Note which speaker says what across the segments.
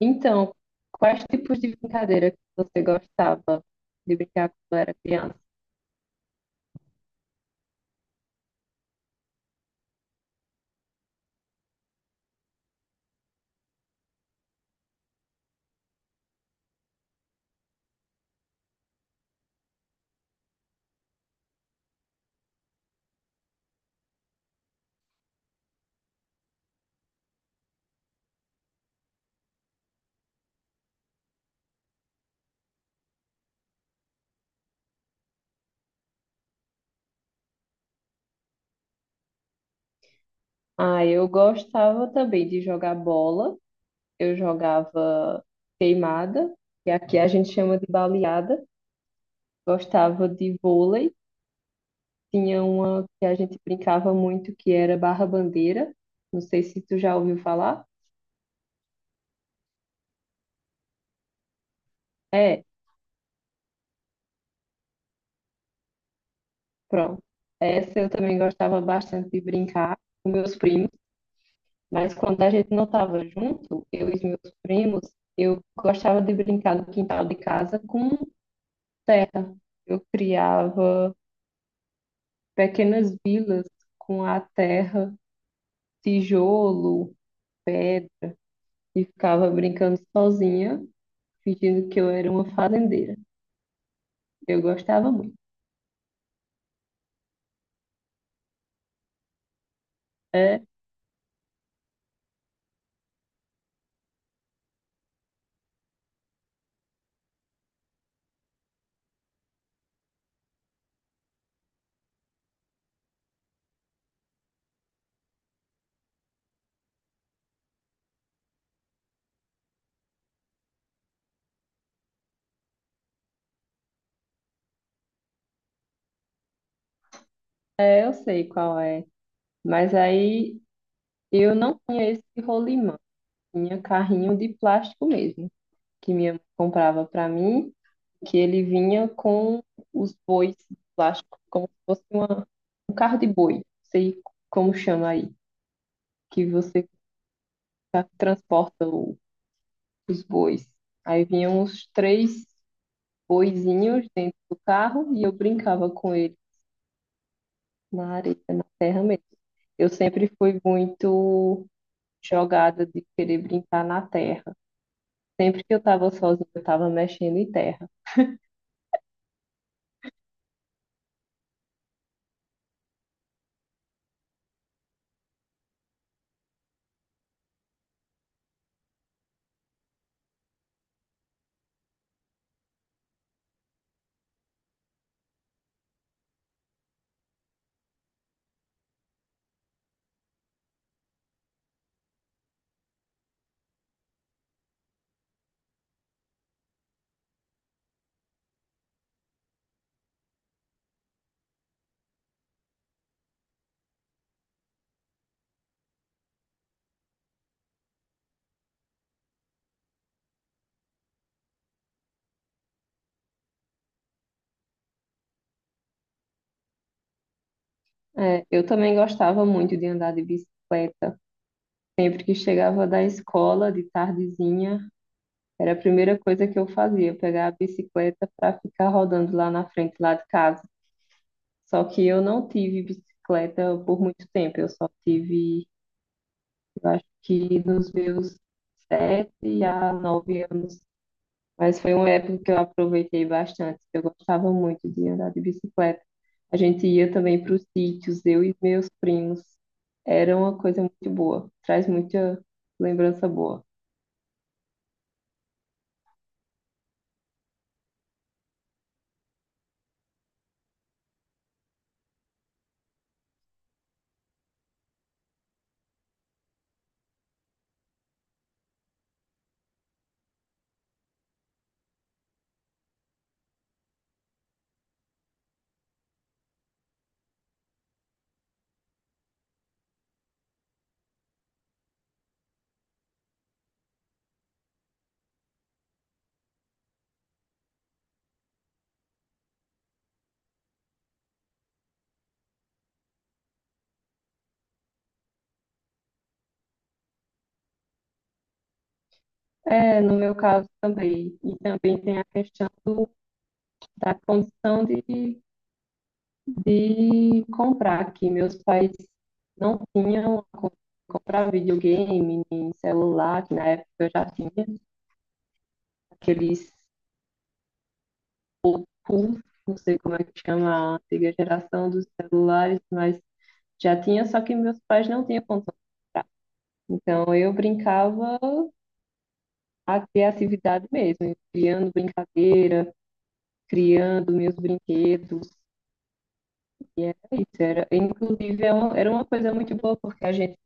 Speaker 1: Então, quais tipos de brincadeira que você gostava de brincar quando era criança? Ah, eu gostava também de jogar bola. Eu jogava queimada, que aqui a gente chama de baleada. Gostava de vôlei. Tinha uma que a gente brincava muito, que era barra-bandeira. Não sei se tu já ouviu falar. É, pronto. Essa eu também gostava bastante de brincar com meus primos, mas quando a gente não estava junto, eu e os meus primos, eu gostava de brincar no quintal de casa com terra. Eu criava pequenas vilas com a terra, tijolo, pé e ficava brincando sozinha, fingindo que eu era uma fazendeira. Eu gostava muito. É, é, eu sei qual é. Mas aí eu não tinha esse rolimã, tinha carrinho de plástico mesmo, que minha mãe comprava para mim, que ele vinha com os bois de plástico, como se fosse uma, um carro de boi, não sei como chama aí, que você tá, transporta o- os bois. Aí vinham os três boizinhos dentro do carro e eu brincava com eles na areia, na terra mesmo. Eu sempre fui muito jogada de querer brincar na terra. Sempre que eu estava sozinha, eu estava mexendo em terra. É, eu também gostava muito de andar de bicicleta. Sempre que chegava da escola, de tardezinha, era a primeira coisa que eu fazia, pegar a bicicleta para ficar rodando lá na frente, lá de casa. Só que eu não tive bicicleta por muito tempo, eu só tive, eu acho que dos meus 7 a 9 anos. Mas foi uma época que eu aproveitei bastante. Eu gostava muito de andar de bicicleta. A gente ia também para os sítios, eu e meus primos. Era uma coisa muito boa, traz muita lembrança boa. É, no meu caso também. E também tem a questão da condição de comprar, que meus pais não tinham a comprar videogame, nem celular, que na época eu já tinha. Aqueles pulsos, não sei como é que chama a antiga geração dos celulares, mas já tinha, só que meus pais não tinham condição de comprar. Então eu brincava a criatividade mesmo, criando brincadeira, criando meus brinquedos. E era isso, era, inclusive é uma- era uma coisa muito boa, porque a gente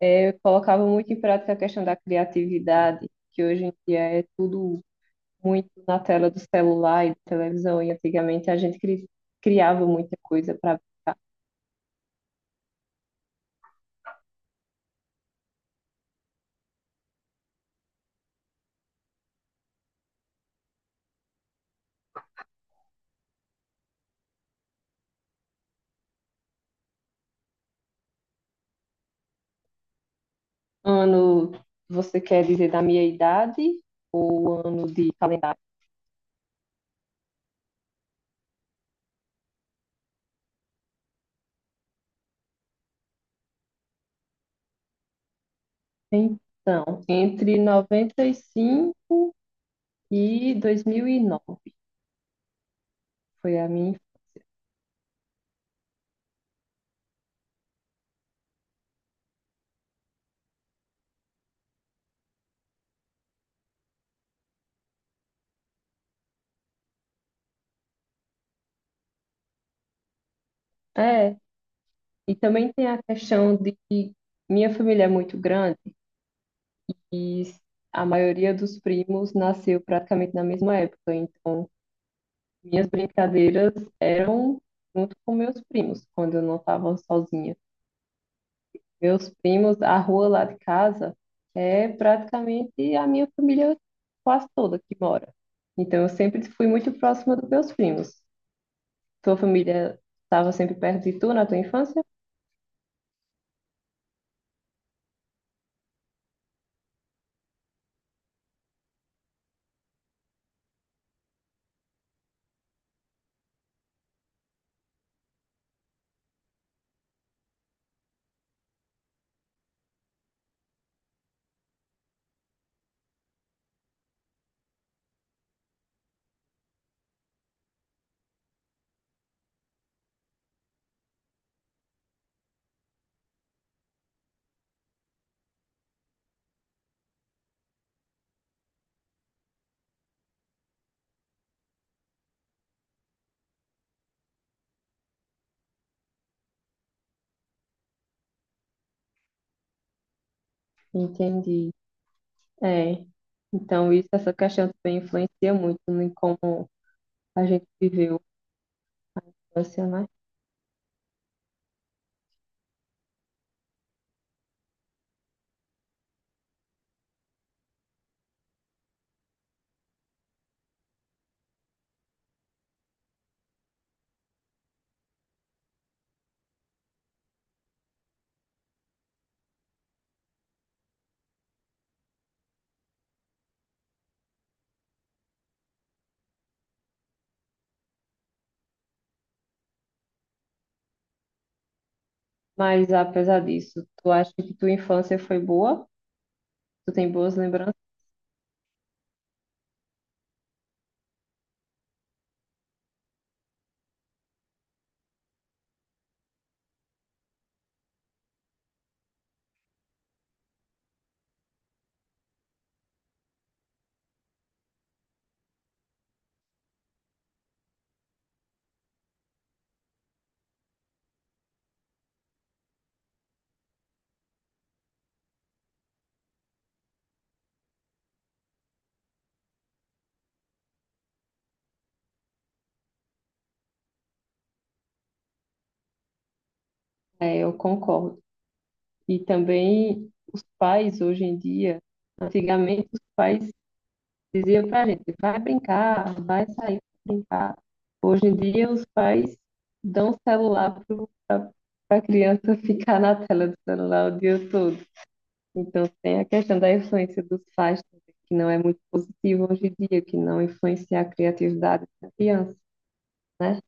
Speaker 1: colocava muito em prática a questão da criatividade, que hoje em dia é tudo muito na tela do celular e da televisão, e antigamente a gente cri- criava muita coisa para. Ano, você quer dizer da minha idade ou ano de calendário? Então, entre 95 e 2009 foi a minha infância. É, e também tem a questão de que minha família é muito grande e a maioria dos primos nasceu praticamente na mesma época. Então, minhas brincadeiras eram junto com meus primos, quando eu não estava sozinha. Meus primos, a rua lá de casa é praticamente a minha família quase toda que mora. Então eu sempre fui muito próxima dos meus primos. Tua família estava sempre perto de tu na tua infância? Entendi. É. Então isso, essa questão também influencia muito em como a gente viveu a infância, né? Mas apesar disso, tu acha que tua infância foi boa? Tu tem boas lembranças? É, eu concordo. E também os pais, hoje em dia, antigamente os pais diziam para a gente, vai brincar, vai sair para brincar. Hoje em dia, os pais dão celular para a criança ficar na tela do celular o dia todo. Então, tem a questão da influência dos pais, que não é muito positivo hoje em dia, que não influencia a criatividade da criança, né?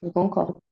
Speaker 1: Eu concordo.